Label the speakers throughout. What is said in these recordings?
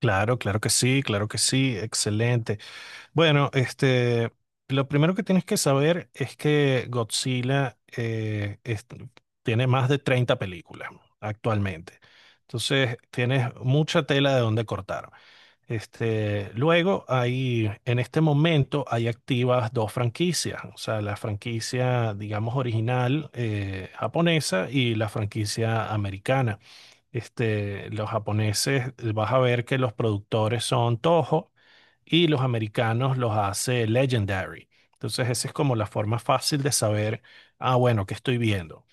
Speaker 1: Claro, claro que sí, excelente. Bueno, lo primero que tienes que saber es que Godzilla tiene más de 30 películas actualmente. Entonces, tienes mucha tela de donde cortar. Luego, en este momento hay activas dos franquicias, o sea, la franquicia, digamos, original japonesa y la franquicia americana. Los japoneses, vas a ver que los productores son Toho y los americanos los hace Legendary. Entonces, esa es como la forma fácil de saber, ah, bueno, ¿qué estoy viendo?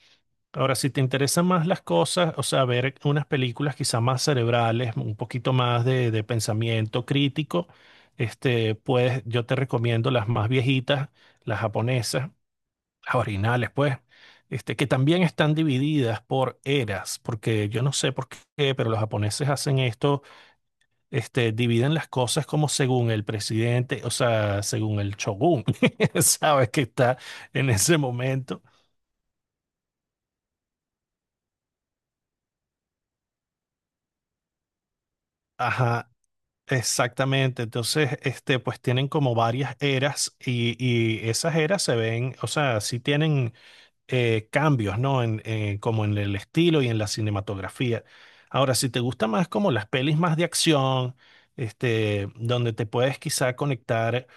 Speaker 1: Ahora, si te interesan más las cosas, o sea, ver unas películas quizá más cerebrales, un poquito más de pensamiento crítico, pues yo te recomiendo las más viejitas, las japonesas las originales, pues, que también están divididas por eras, porque yo no sé por qué, pero los japoneses hacen esto, dividen las cosas como según el presidente, o sea, según el shogun, ¿sabes? Que está en ese momento. Ajá. Exactamente, entonces, pues tienen como varias eras y esas eras se ven, o sea, sí tienen cambios, ¿no? Como en el estilo y en la cinematografía. Ahora, si te gusta más como las pelis más de acción, donde te puedes quizá conectar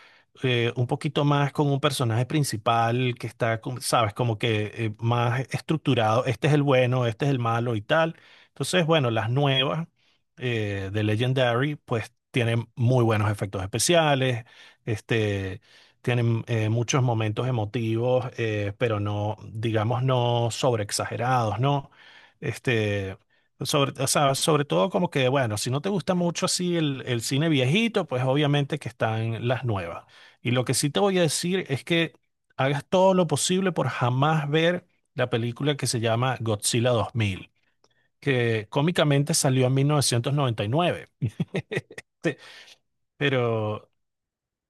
Speaker 1: un poquito más con un personaje principal que está, sabes, como que más estructurado, este es el bueno, este es el malo y tal. Entonces, bueno, las nuevas de Legendary, pues tienen muy buenos efectos especiales. Este, tienen muchos momentos emotivos, pero no, digamos, no sobreexagerados, ¿no? Este, o sea, sobre todo como que, bueno, si no te gusta mucho así el cine viejito, pues obviamente que están las nuevas. Y lo que sí te voy a decir es que hagas todo lo posible por jamás ver la película que se llama Godzilla 2000, que cómicamente salió en 1999. Este, pero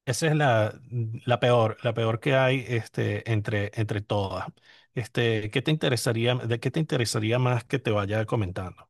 Speaker 1: esa es la peor, la peor que hay entre todas. ¿Qué te interesaría, de qué te interesaría más que te vaya comentando?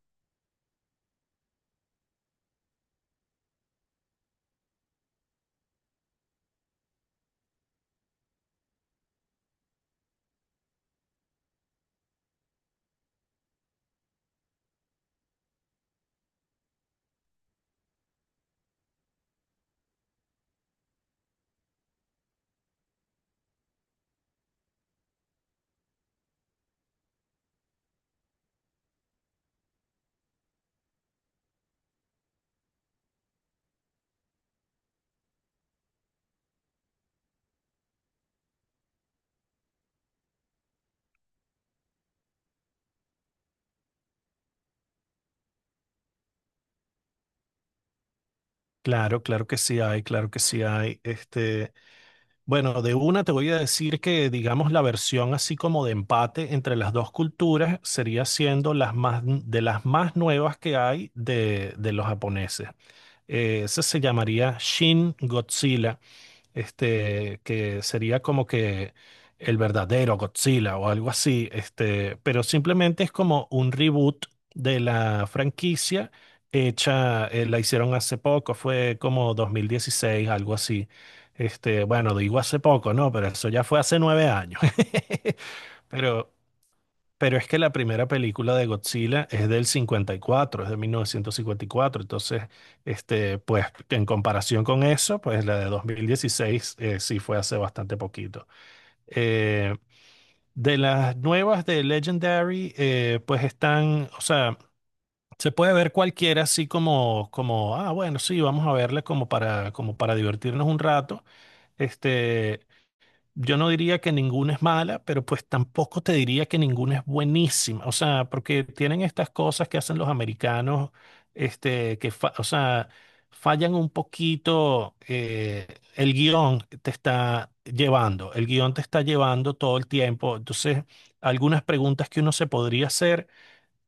Speaker 1: Claro, claro que sí hay, claro que sí hay. Bueno, de una te voy a decir que, digamos, la versión así como de empate entre las dos culturas sería siendo de las más nuevas que hay de los japoneses. Esa se llamaría Shin Godzilla. Que sería como que el verdadero Godzilla o algo así, pero simplemente es como un reboot de la franquicia hecha, la hicieron hace poco, fue como 2016 algo así. Bueno, digo hace poco, ¿no? Pero eso ya fue hace 9 años. Pero pero es que la primera película de Godzilla es del 54, es de 1954. Entonces, pues en comparación con eso, pues la de 2016 sí fue hace bastante poquito. Eh, de las nuevas de Legendary, pues están, o sea, se puede ver cualquiera así como, ah, bueno, sí, vamos a verla como para divertirnos un rato. Este, yo no diría que ninguna es mala, pero pues tampoco te diría que ninguna es buenísima. O sea, porque tienen estas cosas que hacen los americanos, que, o sea, fallan un poquito. El guión te está llevando, el guión te está llevando todo el tiempo. Entonces, algunas preguntas que uno se podría hacer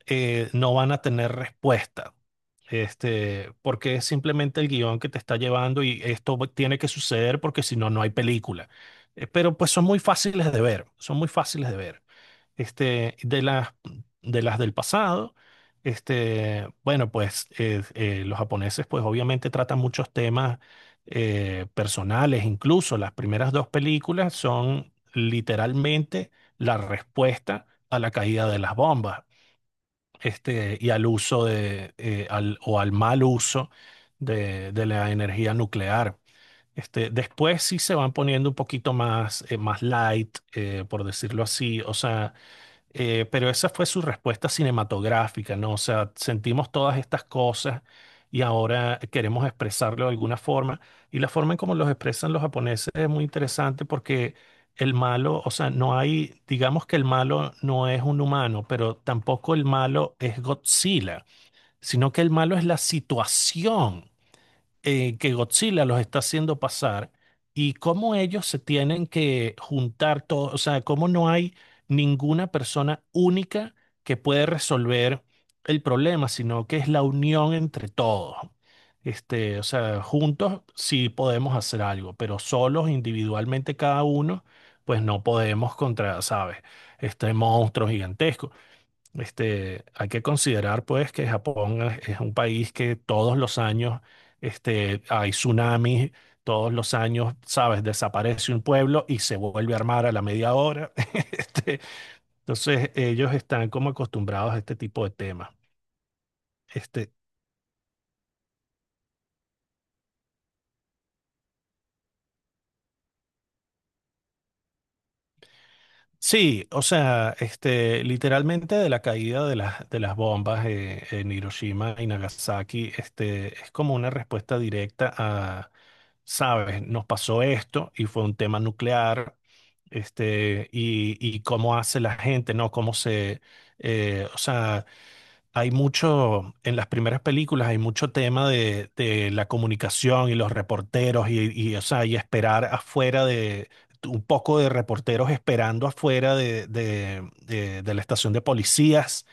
Speaker 1: no van a tener respuesta. Porque es simplemente el guión que te está llevando y esto tiene que suceder porque si no, no hay película. Pero pues son muy fáciles de ver, son muy fáciles de ver. Este, de las, de las del pasado, bueno, pues los japoneses pues obviamente tratan muchos temas personales, incluso las primeras dos películas son literalmente la respuesta a la caída de las bombas y al mal uso de la energía nuclear. Después sí se van poniendo un poquito más, más light, por decirlo así. O sea, pero esa fue su respuesta cinematográfica, ¿no? O sea, sentimos todas estas cosas y ahora queremos expresarlo de alguna forma. Y la forma en cómo los expresan los japoneses es muy interesante porque el malo, o sea, no hay, digamos que el malo no es un humano, pero tampoco el malo es Godzilla, sino que el malo es la situación que Godzilla los está haciendo pasar, y cómo ellos se tienen que juntar todos, o sea, cómo no hay ninguna persona única que puede resolver el problema, sino que es la unión entre todos. O sea, juntos sí podemos hacer algo, pero solos, individualmente cada uno, pues no podemos contra, ¿sabes? Este monstruo gigantesco. Hay que considerar pues que Japón es un país que todos los años hay tsunamis, todos los años, sabes, desaparece un pueblo y se vuelve a armar a la media hora. Este, entonces ellos están como acostumbrados a este tipo de temas. Este. Sí, o sea, literalmente de la caída de las bombas en Hiroshima y Nagasaki, es como una respuesta directa a, sabes, nos pasó esto y fue un tema nuclear, y cómo hace la gente, ¿no? O sea, hay mucho, en las primeras películas hay mucho tema de la comunicación y los reporteros y, o sea, y esperar afuera de, un poco de reporteros esperando afuera de la estación de policías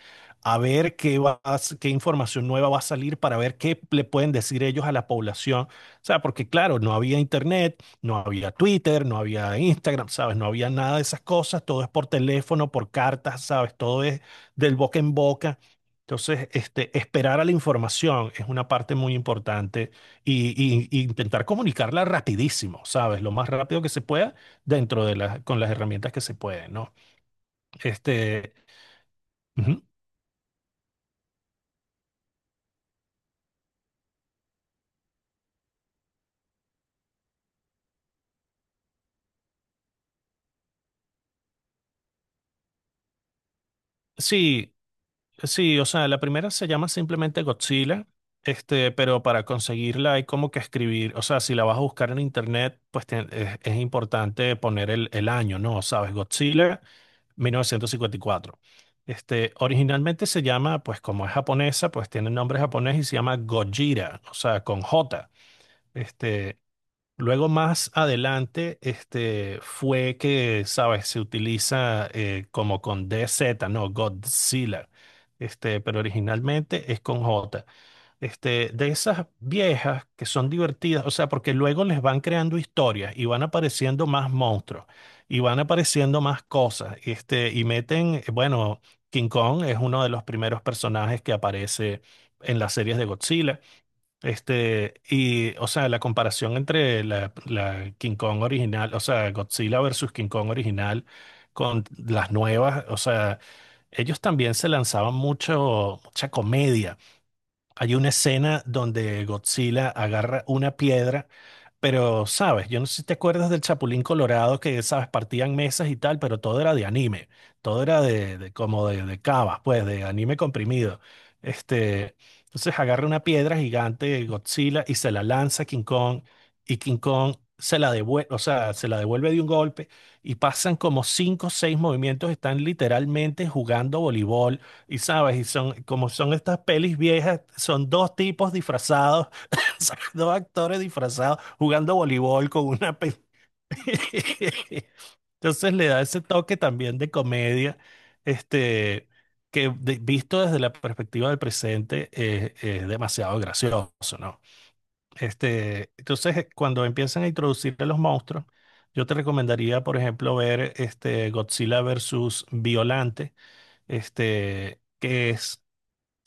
Speaker 1: a ver qué va, qué información nueva va a salir para ver qué le pueden decir ellos a la población. O sea, porque claro, no había internet, no había Twitter, no había Instagram, ¿sabes? No había nada de esas cosas, todo es por teléfono, por cartas, ¿sabes? Todo es del boca en boca. Entonces, esperar a la información es una parte muy importante y intentar comunicarla rapidísimo, ¿sabes? Lo más rápido que se pueda dentro de las, con las herramientas que se pueden, ¿no? Este, ujú. Sí, sí, o sea, la primera se llama simplemente Godzilla, pero para conseguirla hay como que escribir, o sea, si la vas a buscar en internet, pues es importante poner el año, ¿no? ¿Sabes? Godzilla 1954. Originalmente se llama, pues como es japonesa, pues tiene nombre japonés y se llama Gojira, o sea, con J. Este, luego más adelante, fue que, sabes, se utiliza como con DZ, no Godzilla, pero originalmente es con J. De esas viejas que son divertidas, o sea, porque luego les van creando historias y van apareciendo más monstruos y van apareciendo más cosas, y meten, bueno, King Kong es uno de los primeros personajes que aparece en las series de Godzilla. O sea, la comparación entre la King Kong original, o sea, Godzilla versus King Kong original con las nuevas, o sea, ellos también se lanzaban mucho, mucha comedia. Hay una escena donde Godzilla agarra una piedra pero, sabes, yo no sé si te acuerdas del Chapulín Colorado que, sabes, partían mesas y tal, pero todo era de anime, todo era como de cavas, pues, de anime comprimido. Este, entonces agarra una piedra gigante, Godzilla, y se la lanza a King Kong, y King Kong se la devuelve, o sea, se la devuelve de un golpe, y pasan como cinco o seis movimientos, están literalmente jugando voleibol, y sabes, como son estas pelis viejas, son dos tipos disfrazados dos actores disfrazados jugando voleibol con una... Entonces le da ese toque también de comedia, este, que visto desde la perspectiva del presente es demasiado gracioso, ¿no? Entonces, cuando empiezan a introducir a los monstruos, yo te recomendaría, por ejemplo, ver este Godzilla versus Violante, este, que es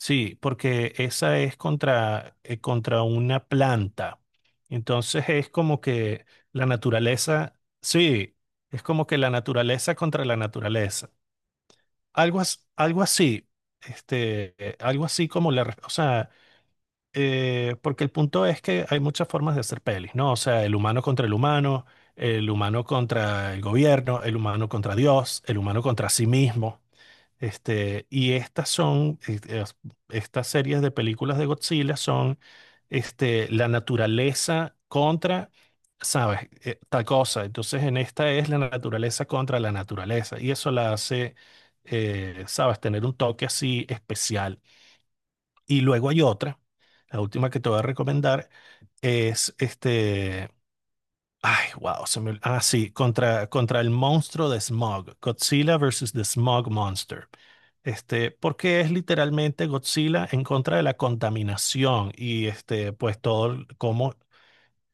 Speaker 1: sí, porque esa es contra, contra una planta. Entonces es como que la naturaleza, sí, es como que la naturaleza contra la naturaleza. Algo así, algo así como o sea, porque el punto es que hay muchas formas de hacer pelis, ¿no? O sea, el humano contra el humano contra el gobierno, el humano contra Dios, el humano contra sí mismo. Y estas son, estas series de películas de Godzilla son la naturaleza contra, ¿sabes? Tal cosa. Entonces, en esta es la naturaleza contra la naturaleza. Y eso la hace, ¿sabes? Tener un toque así especial. Y luego hay otra, la última que te voy a recomendar, es este. Ay, wow, ah, sí, contra el monstruo de Smog, Godzilla versus the Smog Monster. Porque es literalmente Godzilla en contra de la contaminación y pues todo cómo,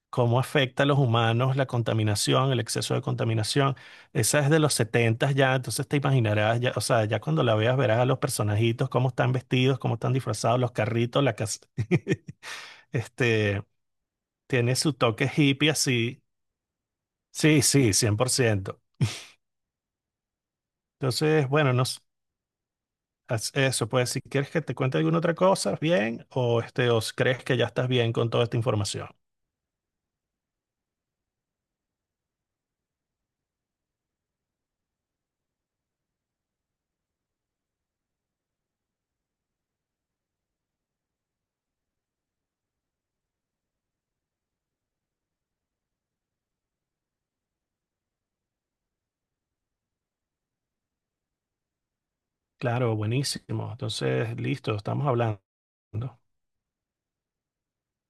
Speaker 1: cómo afecta a los humanos la contaminación, el exceso de contaminación. Esa es de los 70 ya, entonces te imaginarás, ya, o sea, ya cuando la veas verás a los personajitos, cómo están vestidos, cómo están disfrazados, los carritos, la casa. Este, tiene su toque hippie así. Sí, sí, 100%. Entonces, bueno, no s- as- eso, pues si quieres que te cuente alguna otra cosa, bien, o o si crees que ya estás bien con toda esta información. Claro, buenísimo. Entonces, listo, estamos hablando.